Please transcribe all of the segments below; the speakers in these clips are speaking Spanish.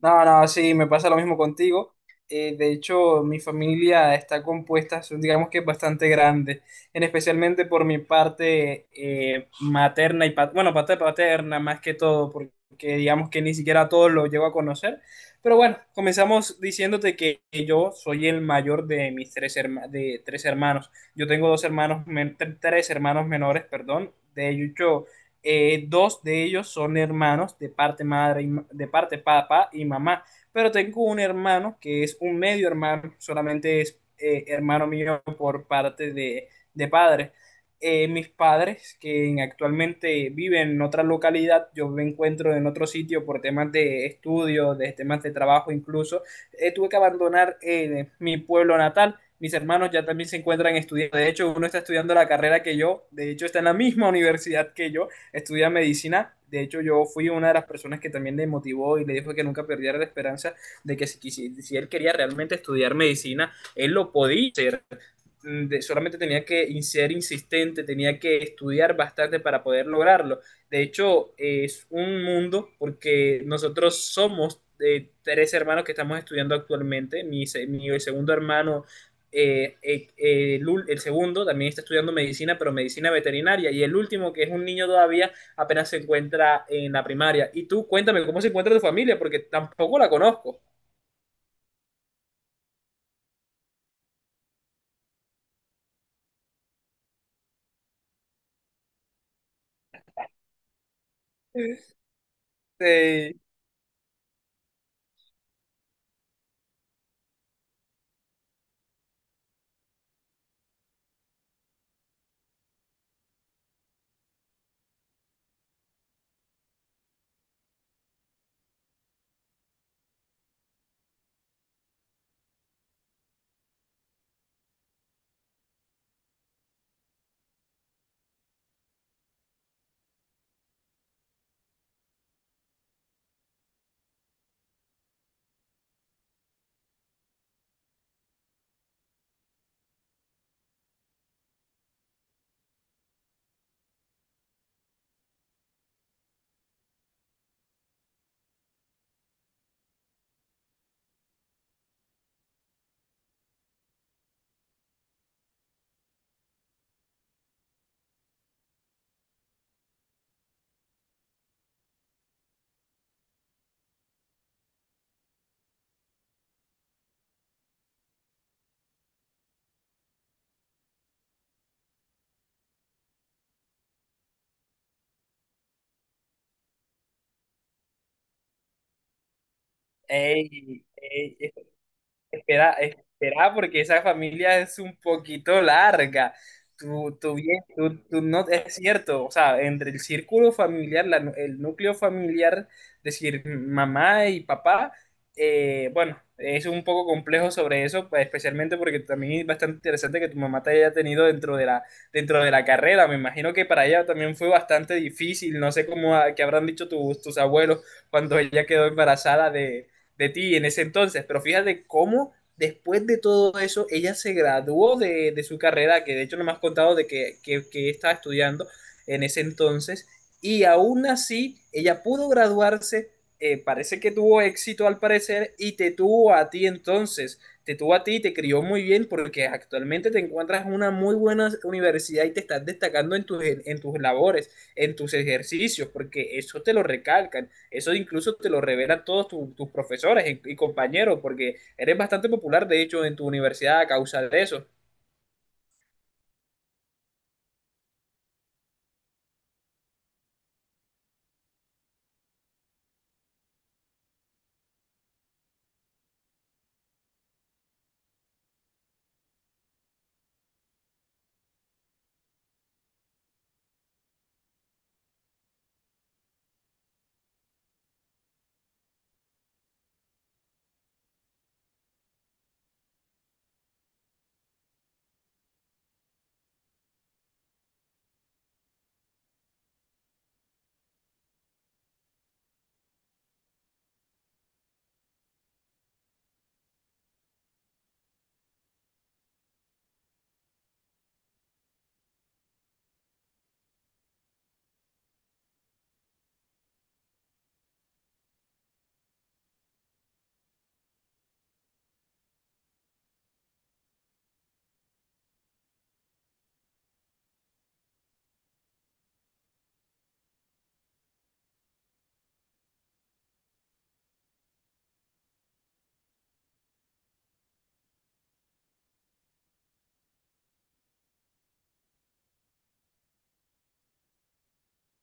No, no, sí, me pasa lo mismo contigo. De hecho, mi familia está compuesta, son, digamos que bastante grande, en especialmente por mi parte materna y bueno, parte paterna más que todo, porque digamos que ni siquiera a todos lo llego a conocer. Pero bueno, comenzamos diciéndote que yo soy el mayor de de tres hermanos. Yo tengo dos hermanos, men- tre- tres hermanos menores, perdón. De hecho, dos de ellos son hermanos de parte madre, y de parte papá y mamá, pero tengo un hermano que es un medio hermano, solamente es hermano mío por parte de padre. Mis padres, que actualmente viven en otra localidad, yo me encuentro en otro sitio por temas de estudio, de temas de trabajo incluso, tuve que abandonar mi pueblo natal. Mis hermanos ya también se encuentran estudiando. De hecho, uno está estudiando la carrera que yo. De hecho, está en la misma universidad que yo estudia medicina. De hecho, yo fui una de las personas que también le motivó y le dijo que nunca perdiera la esperanza de que si él quería realmente estudiar medicina, él lo podía hacer solamente tenía que ser insistente, tenía que estudiar bastante para poder lograrlo. De hecho, es un mundo porque nosotros somos tres hermanos que estamos estudiando actualmente. Mi segundo hermano, el segundo, también está estudiando medicina, pero medicina veterinaria. Y el último, que es un niño todavía, apenas se encuentra en la primaria. Y tú, cuéntame, ¿cómo se encuentra tu familia? Porque tampoco la conozco. Sí. Ey, ey, espera, espera, porque esa familia es un poquito larga. Tú no, es cierto, o sea, entre el círculo familiar, el núcleo familiar, decir, mamá y papá, bueno, es un poco complejo sobre eso, pues, especialmente porque también es bastante interesante que tu mamá te haya tenido dentro dentro de la carrera. Me imagino que para ella también fue bastante difícil, no sé cómo, qué habrán dicho tus abuelos cuando ella quedó embarazada de ti en ese entonces, pero fíjate cómo después de todo eso, ella se graduó de su carrera, que de hecho no me has contado de que estaba estudiando en ese entonces, y aún así ella pudo graduarse, parece que tuvo éxito al parecer, y te tuvo a ti entonces, te tuvo a ti y te crió muy bien porque actualmente te encuentras en una muy buena universidad y te estás destacando en en tus labores, en tus ejercicios, porque eso te lo recalcan, eso incluso te lo revelan todos tus profesores y compañeros, porque eres bastante popular, de hecho, en tu universidad a causa de eso.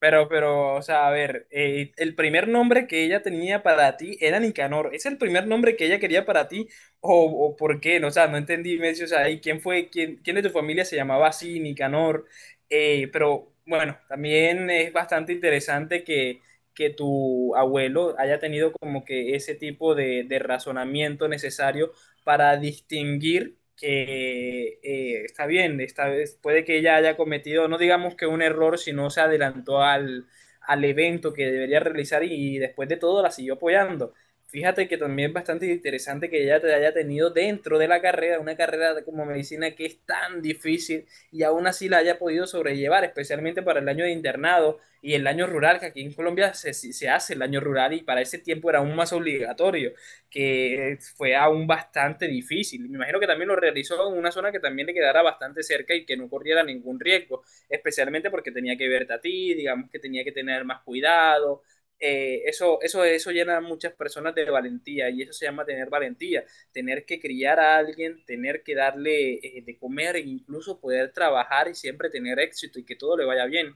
Pero, o sea, a ver, el primer nombre que ella tenía para ti era Nicanor. ¿Es el primer nombre que ella quería para ti? O por qué? No, o sea, no entendí. Me dice, o sea, ¿y quién fue, quién de tu familia se llamaba así, Nicanor? Pero bueno, también es bastante interesante que tu abuelo haya tenido como que ese tipo de razonamiento necesario para distinguir que está bien, esta vez puede que ella haya cometido, no digamos que un error, sino se adelantó al evento que debería realizar y después de todo la siguió apoyando. Fíjate que también es bastante interesante que ella te haya tenido dentro de la carrera, una carrera como medicina que es tan difícil y aún así la haya podido sobrellevar, especialmente para el año de internado y el año rural, que aquí en Colombia se hace el año rural y para ese tiempo era aún más obligatorio que fue aún bastante difícil. Me imagino que también lo realizó en una zona que también le quedara bastante cerca y que no corriera ningún riesgo, especialmente porque tenía que verte a ti, digamos que tenía que tener más cuidado. Eso llena a muchas personas de valentía y eso se llama tener valentía, tener que criar a alguien, tener que darle de comer e incluso poder trabajar y siempre tener éxito y que todo le vaya bien.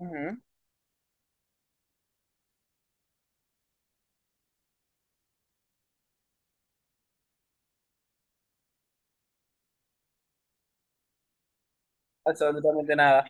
Uh -huh. Absolutamente nada.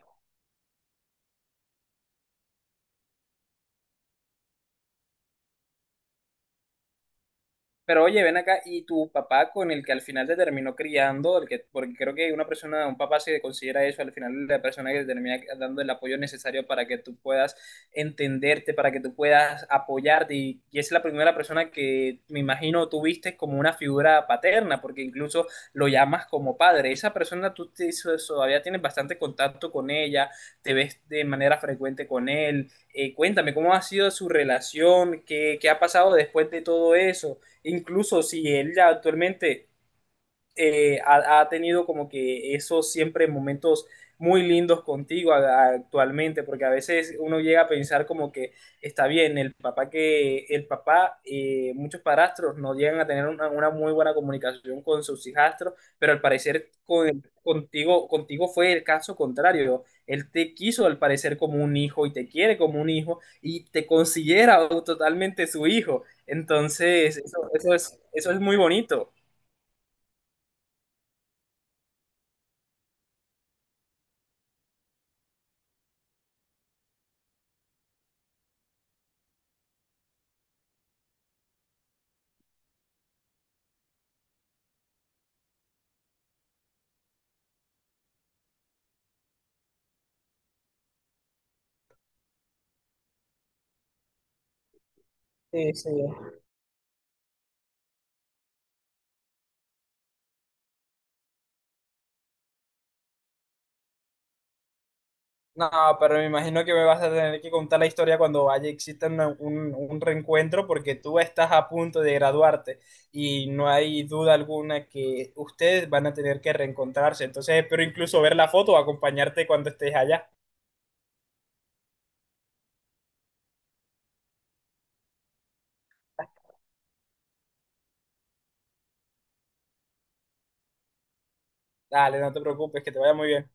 Pero oye, ven acá, y tu papá con el que al final te terminó criando, el que, porque creo que una persona, un papá se considera eso, al final la persona que te termina dando el apoyo necesario para que tú puedas entenderte, para que tú puedas apoyarte, y es la primera persona que me imagino tú viste como una figura paterna, porque incluso lo llamas como padre. Esa persona todavía tienes bastante contacto con ella, te ves de manera frecuente con él. Cuéntame, ¿cómo ha sido su relación? ¿Qué, qué ha pasado después de todo eso? Incluso si él ya actualmente ha tenido como que esos siempre momentos muy lindos contigo actualmente, porque a veces uno llega a pensar como que está bien, el papá, muchos padrastros no llegan a tener una muy buena comunicación con sus hijastros, pero al parecer contigo, contigo fue el caso contrario. Él te quiso al parecer como un hijo y te quiere como un hijo y te considera totalmente su hijo. Entonces, eso es muy bonito. Sí, sí. No, pero me imagino que me vas a tener que contar la historia cuando haya exista un reencuentro porque tú estás a punto de graduarte y no hay duda alguna que ustedes van a tener que reencontrarse. Entonces espero incluso ver la foto o acompañarte cuando estés allá. Dale, no te preocupes, que te vaya muy bien.